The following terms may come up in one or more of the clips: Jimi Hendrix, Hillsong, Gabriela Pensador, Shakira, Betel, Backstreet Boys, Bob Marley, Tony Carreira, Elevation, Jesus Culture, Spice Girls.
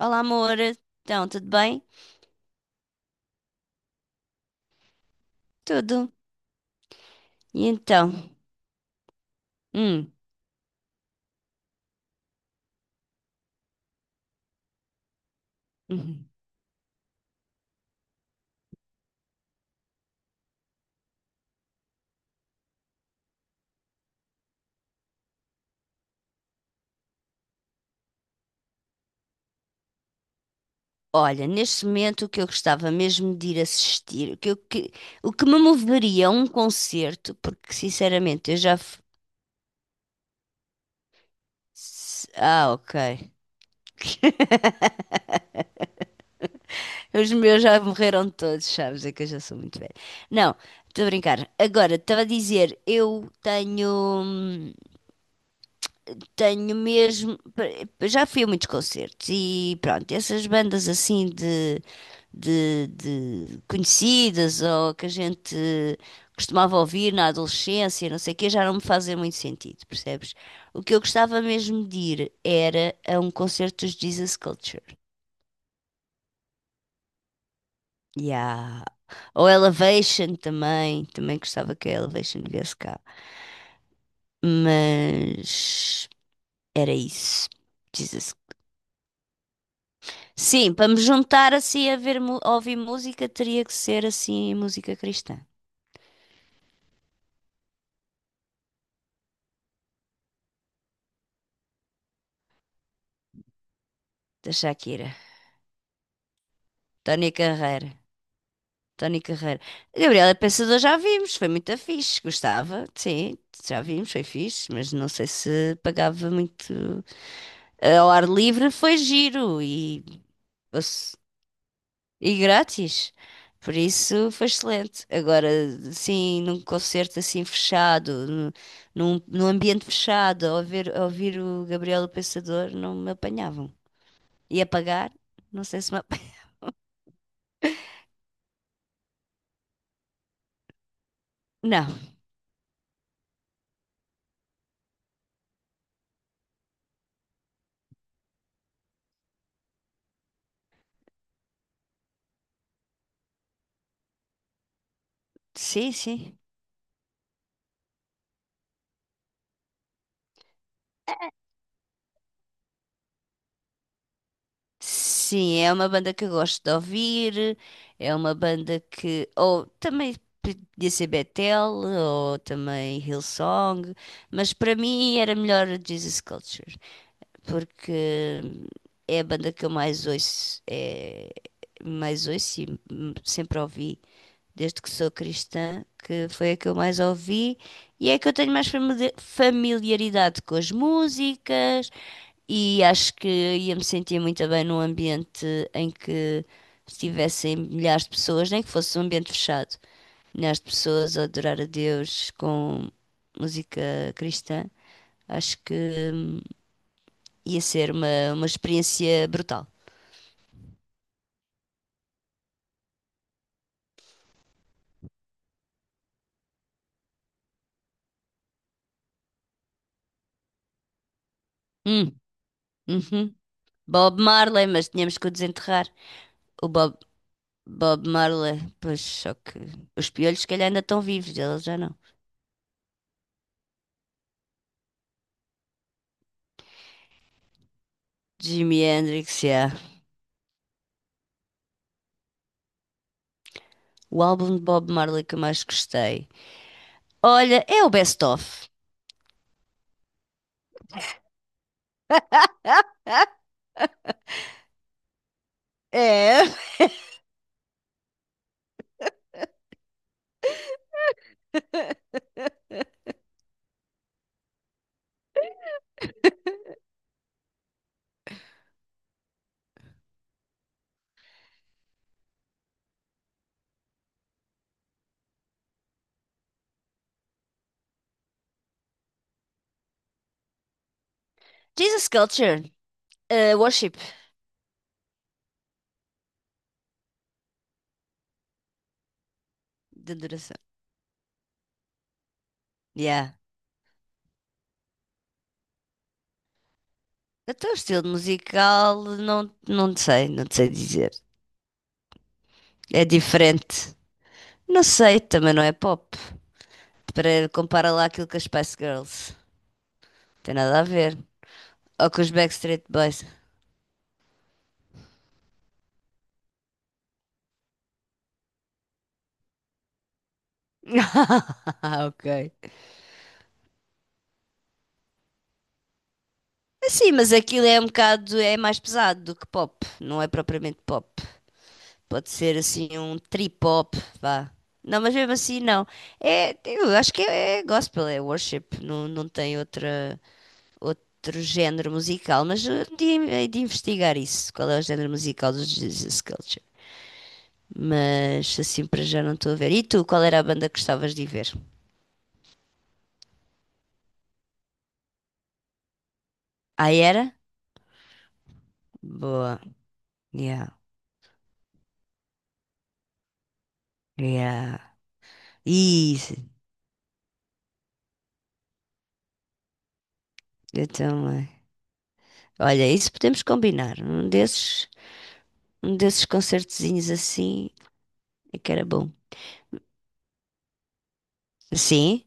Olá, amor. Então, tudo bem? Tudo. E então? Hum, uhum. Olha, neste momento o que eu gostava mesmo de ir assistir, o que, o que me moveria a um concerto, porque sinceramente eu já. Ah, ok. Os meus já morreram todos, sabes? É que eu já sou muito velha. Não, estou a brincar. Agora, estava a dizer, eu tenho. hum, Tenho mesmo. Já fui a muitos concertos e pronto, essas bandas assim de conhecidas ou que a gente costumava ouvir na adolescência, não sei o quê, já não me fazem muito sentido, percebes? O que eu gostava mesmo de ir era a um concerto dos Jesus Culture. Yeah. Ou Elevation também, também gostava que a Elevation viesse cá. Mas era isso. Jesus Sim, para me juntar assim a ver, a ouvir música, teria que ser assim música cristã, da Shakira, Tony Carreira, Tony Carreira. Gabriela Pensador já vimos, foi muito fixe, gostava, sim, já vimos, foi fixe, mas não sei se pagava muito. Ao ar livre foi giro E grátis. Por isso foi excelente. Agora, sim, num concerto assim fechado, num ambiente fechado, a ouvir o Gabriel o Pensador, não me apanhavam. E a pagar? Não sei se me ap... Não. Sim, sim. Sim, é uma banda que eu gosto de ouvir, é uma banda que. Ou também podia ser Betel, ou também Hillsong, mas para mim era melhor Jesus Culture. Porque é a banda que eu mais ouço, mais ouço e sempre ouvi desde que sou cristã, que foi a que eu mais ouvi e é a que eu tenho mais familiaridade com as músicas e acho que ia me sentir muito bem num ambiente em que estivessem milhares de pessoas, nem que fosse um ambiente fechado, milhares de pessoas a adorar a Deus com música cristã. Acho que hum, ia ser uma experiência brutal. Hum, uhum. Bob Marley, mas tínhamos que o desenterrar. O Bob, Bob Marley, pois só que os piolhos se calhar ainda estão vivos, eles já não. Jimi Hendrix, yeah. O álbum de Bob Marley que eu mais gostei. Olha, é o Best Of. É. Jesus Culture. Worship. De adoração. Yeah. Até o estilo musical, não, não sei, não sei dizer. É diferente. Não sei, também não é pop. Para compara lá aquilo com as Spice Girls. Tem nada a ver. Ou com os Backstreet Boys. Ah, ok. Sim, mas aquilo é um bocado, é mais pesado do que pop, não é propriamente pop. Pode ser assim um trip-hop, vá. Não, mas mesmo assim não. É, eu acho que é, gospel, é worship, não tem outra, outro género musical, mas hei de investigar isso, qual é o género musical dos Jesus Culture. Mas assim para já não estou a ver. E tu, qual era a banda que gostavas de ir ver? Ah, era? Boa. Yeah. Yeah. Isso, eu também. Olha, isso podemos combinar. Um desses concertezinhos assim é que era bom. Sim?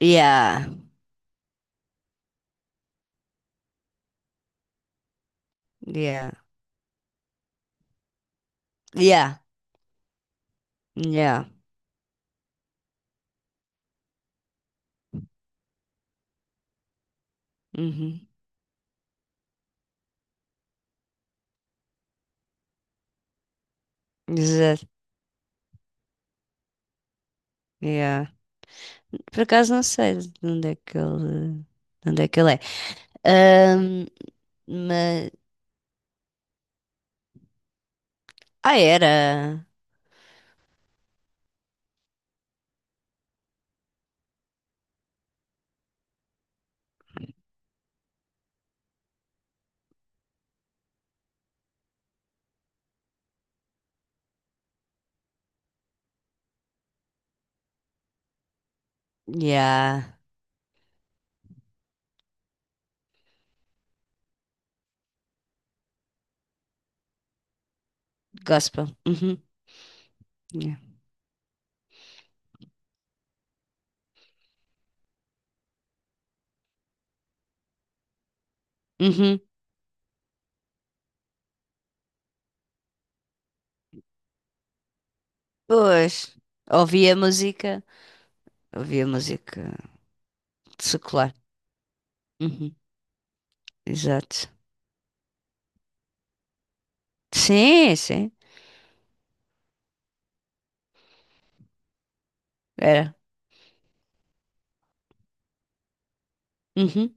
Yeah. Yeah. Yeah. Yeah. Uhum. Exato. Yeah. Por acaso não sei de onde é que ele, de onde é que ele é. Ahm, mas... Ah, era. Yeah. Gospel. Uhum. Yeah. Uhum. Pois, ouvia música, ouvia música secular. Uhum. Exato. Sim, sim, era. Uhum.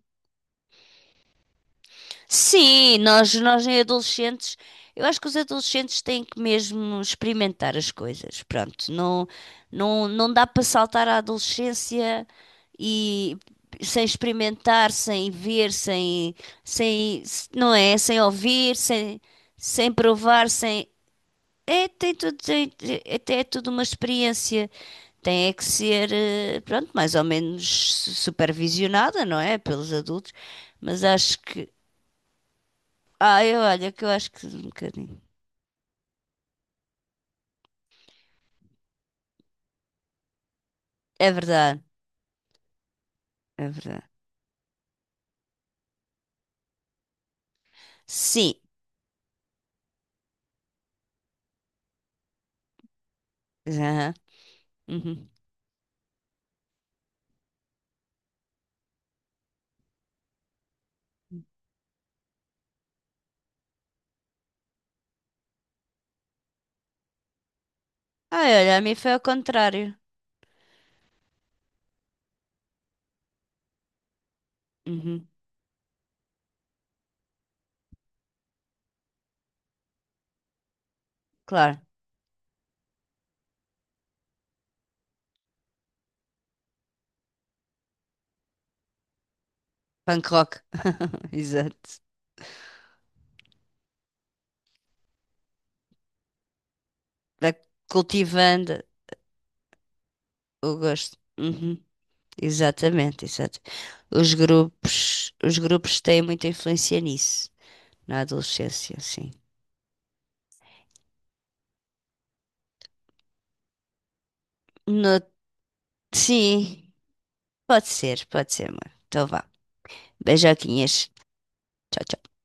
Sim, nós em adolescentes, eu acho que os adolescentes têm que mesmo experimentar as coisas. Pronto, não dá para saltar à adolescência e sem experimentar, sem ver, sem, não é? Sem ouvir, sem provar, sem. É, tem tudo, até é tudo uma experiência. Tem é que ser, pronto, mais ou menos supervisionada, não é? Pelos adultos. Mas acho que. Ah, eu olha, que eu acho que um bocadinho. É verdade, é verdade. Sim. Aham, uhum. Ah, olha, a mim foi ao contrário. Uhum, claro. Punk rock. Exato. Vai cultivando o gosto. Uhum, exatamente, exato. Os grupos têm muita influência nisso. Na adolescência, sim. No... Sim, pode ser, amor. Então vá. Beijoquinhas. Tchau, tchau.